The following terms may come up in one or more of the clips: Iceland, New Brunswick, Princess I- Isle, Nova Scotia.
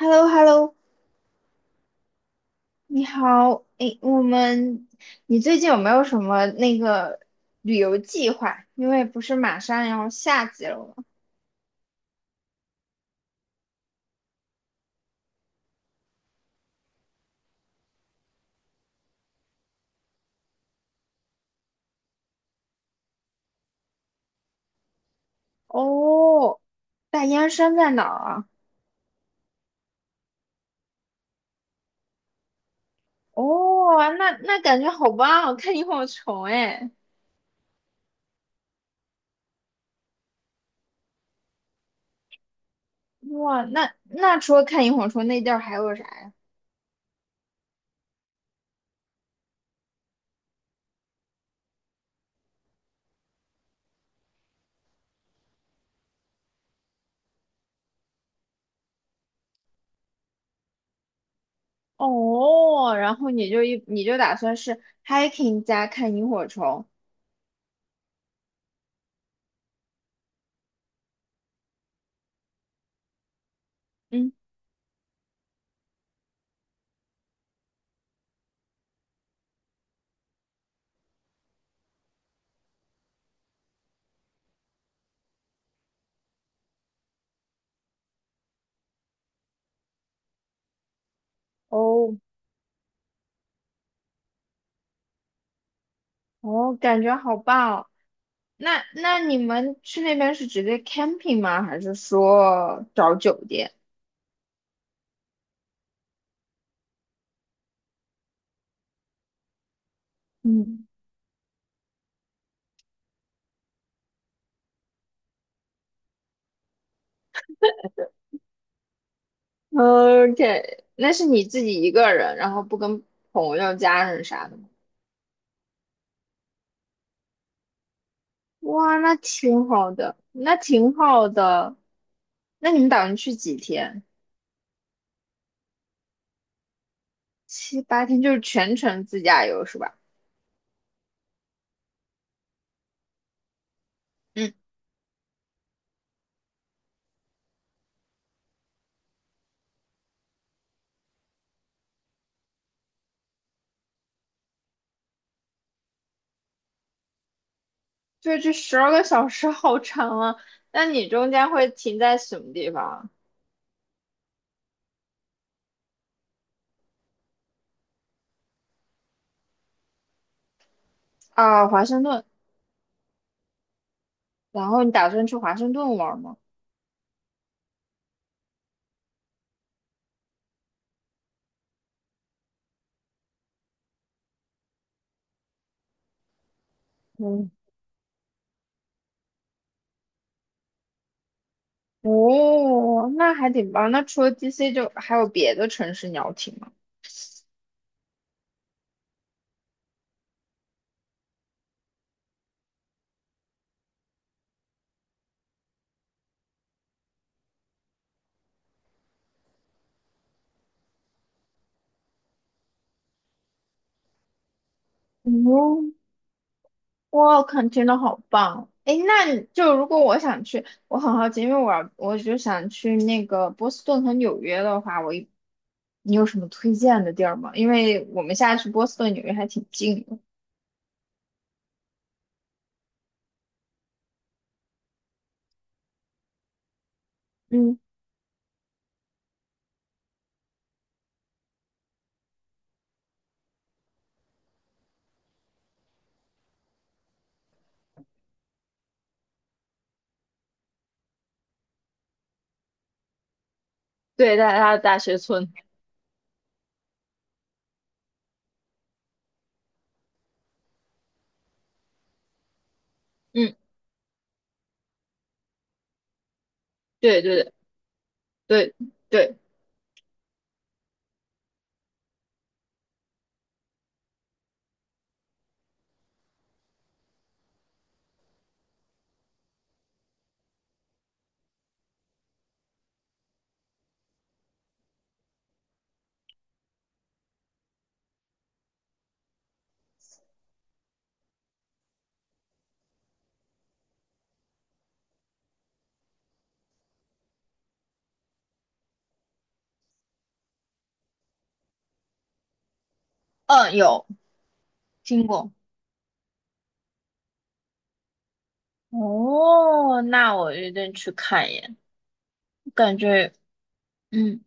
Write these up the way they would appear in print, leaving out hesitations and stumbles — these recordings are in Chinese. h e l l o h e l l o 你好。诶，我们，你最近有没有什么那个旅游计划？因为不是马上要夏季了吗？哦，大燕山在哪儿啊？哦，那感觉好棒哦，看萤火虫哎。哇，那除了看萤火虫，那地儿还有啥呀？哦，然后你就打算是hiking 加看萤火虫？嗯。哦哦，感觉好棒啊。那你们去那边是直接 camping 吗？还是说找酒店？嗯，OK，那是你自己一个人，然后不跟朋友、家人啥的吗？哇，那挺好的，那挺好的。那你们打算去几天？7、8天，就是全程自驾游是吧？嗯，对，这十二个小时好长啊。那你中间会停在什么地方啊？啊，华盛顿。然后你打算去华盛顿玩吗？嗯。哦，那还挺棒。那除了 DC，就还有别的城市你要听吗？哦。哇，看真的好棒！诶，那你就如果我想去，我很好奇，因为我就想去那个波士顿和纽约的话，我一你有什么推荐的地儿吗？因为我们现在去波士顿、纽约还挺近的。嗯，对，在他的大学村。嗯，对对对对对。嗯，有听过。哦，那我一定去看一眼，感觉嗯。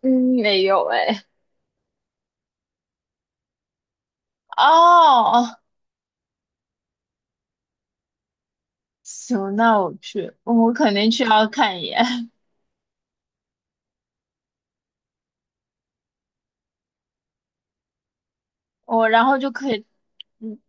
嗯，没有哎。哦，行，那我去，我肯定去要看一眼。我然后就可以。嗯。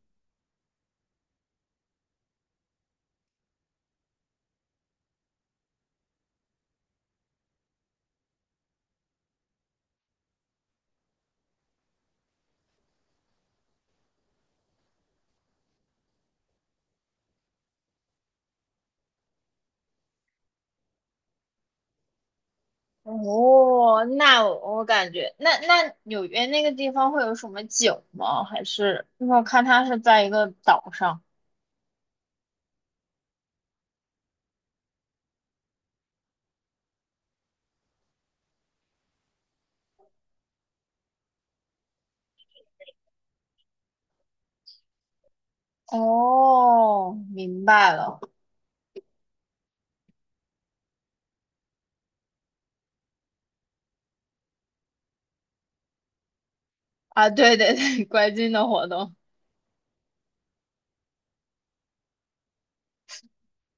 哦，那我我感觉，那纽约那个地方会有什么景吗？还是因为我看它是在一个岛上。哦，明白了。啊，对对对，观鲸的活动。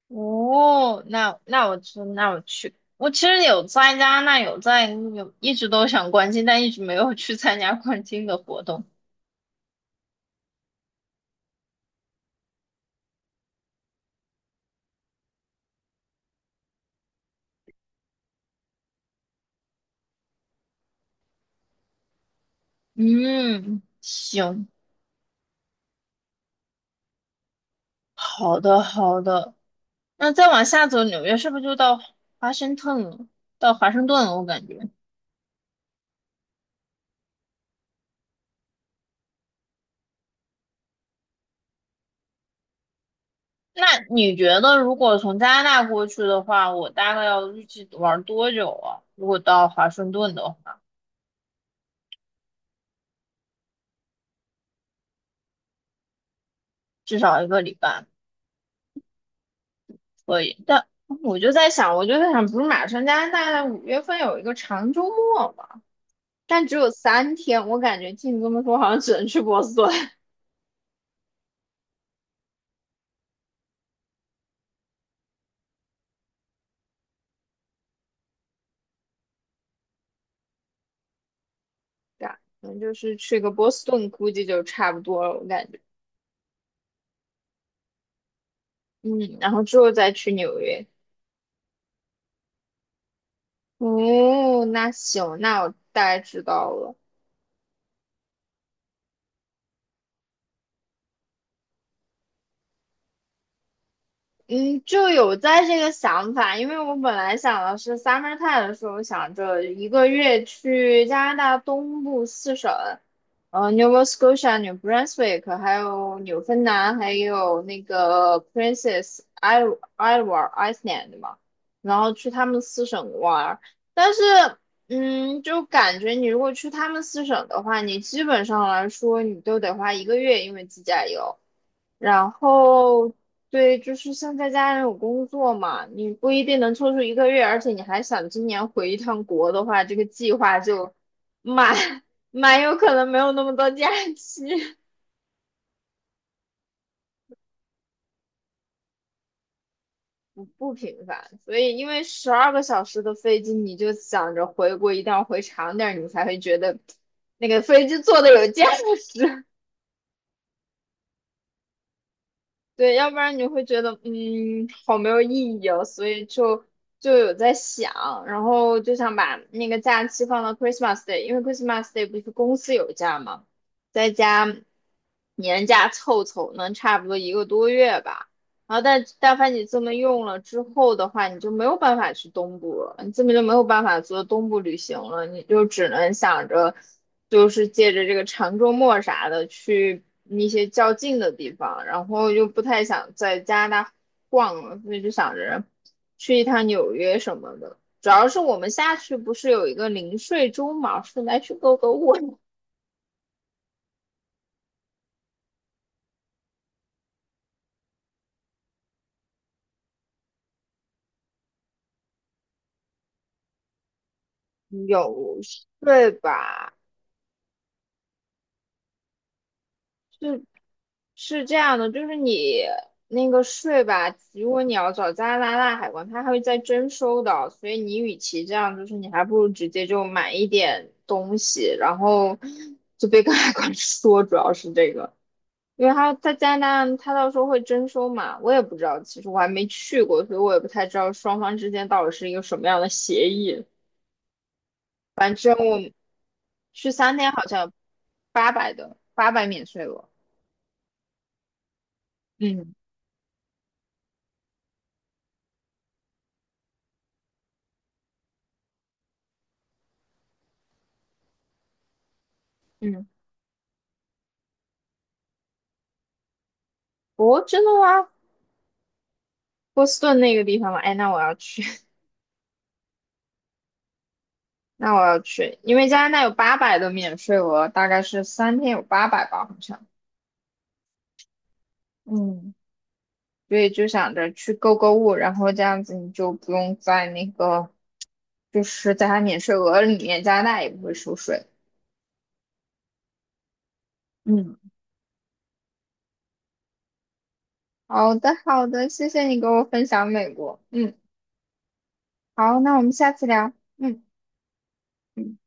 哦，那我去，那我去。我其实有参加那有在有一直都想观鲸，但一直没有去参加观鲸的活动。嗯，行。好的好的。那再往下走，纽约是不是就到华盛顿了？到华盛顿了，我感觉。那你觉得，如果从加拿大过去的话，我大概要预计玩多久啊？如果到华盛顿的话，至少1个礼拜可以。但我就在想，不是马上加拿大5月份有一个长周末嘛？但只有三天，我感觉听你这么说，好像只能去波士顿。对啊，可能就是去个波士顿，估计就差不多了，我感觉。嗯，然后之后再去纽约。哦，那行，那我大概知道了。嗯，就有在这个想法，因为我本来想的是 summer time 的时候，想着一个月去加拿大东部四省，Nova Scotia、New Brunswick，还有纽芬兰，还有那个 Princess Isle、Iceland 嘛，然后去他们四省玩儿。但是，嗯，就感觉你如果去他们四省的话，你基本上来说，你都得花一个月，因为自驾游。然后对，就是现在家人有工作嘛，你不一定能抽出一个月，而且你还想今年回一趟国的话，这个计划就蛮 蛮有可能没有那么多假期。不频繁。所以，因为十二个小时的飞机，你就想着回国一定要回长点儿，你才会觉得那个飞机坐的有价值。对，要不然你会觉得，嗯，好没有意义哦，所以就有在想，然后就想把那个假期放到 Christmas Day，因为 Christmas Day 不是公司有假嘛，再加年假凑凑，能差不多1个多月吧。然后但凡你这么用了之后的话，你就没有办法去东部了，你根本就没有办法做东部旅行了，你就只能想着，就是借着这个长周末啥的去一些较近的地方，然后又不太想在加拿大逛了，所以就想着去一趟纽约什么的。主要是我们下去不是有一个零税州嘛，是来去购物。 有税吧？就是这样的，就是你那个税吧，如果你要找加拿大海关，他还会再征收的，所以你与其这样，就是你还不如直接就买一点东西，然后就别跟海关 说，主要是这个，因为他在加拿大，他到时候会征收嘛，我也不知道，其实我还没去过，所以我也不太知道双方之间到底是一个什么样的协议。反正我去三天好像八百的，八百免税额。嗯嗯。哦，真的吗？波士顿那个地方吗？哎，那我要去。那我要去，因为加拿大有八百的免税额，大概是三天有八百吧，好像。嗯，所以就想着去购物，然后这样子你就不用在那个，就是在它免税额里面，加拿大也不会收税。嗯，好的，好的，谢谢你给我分享美国。嗯，好，那我们下次聊。嗯。嗯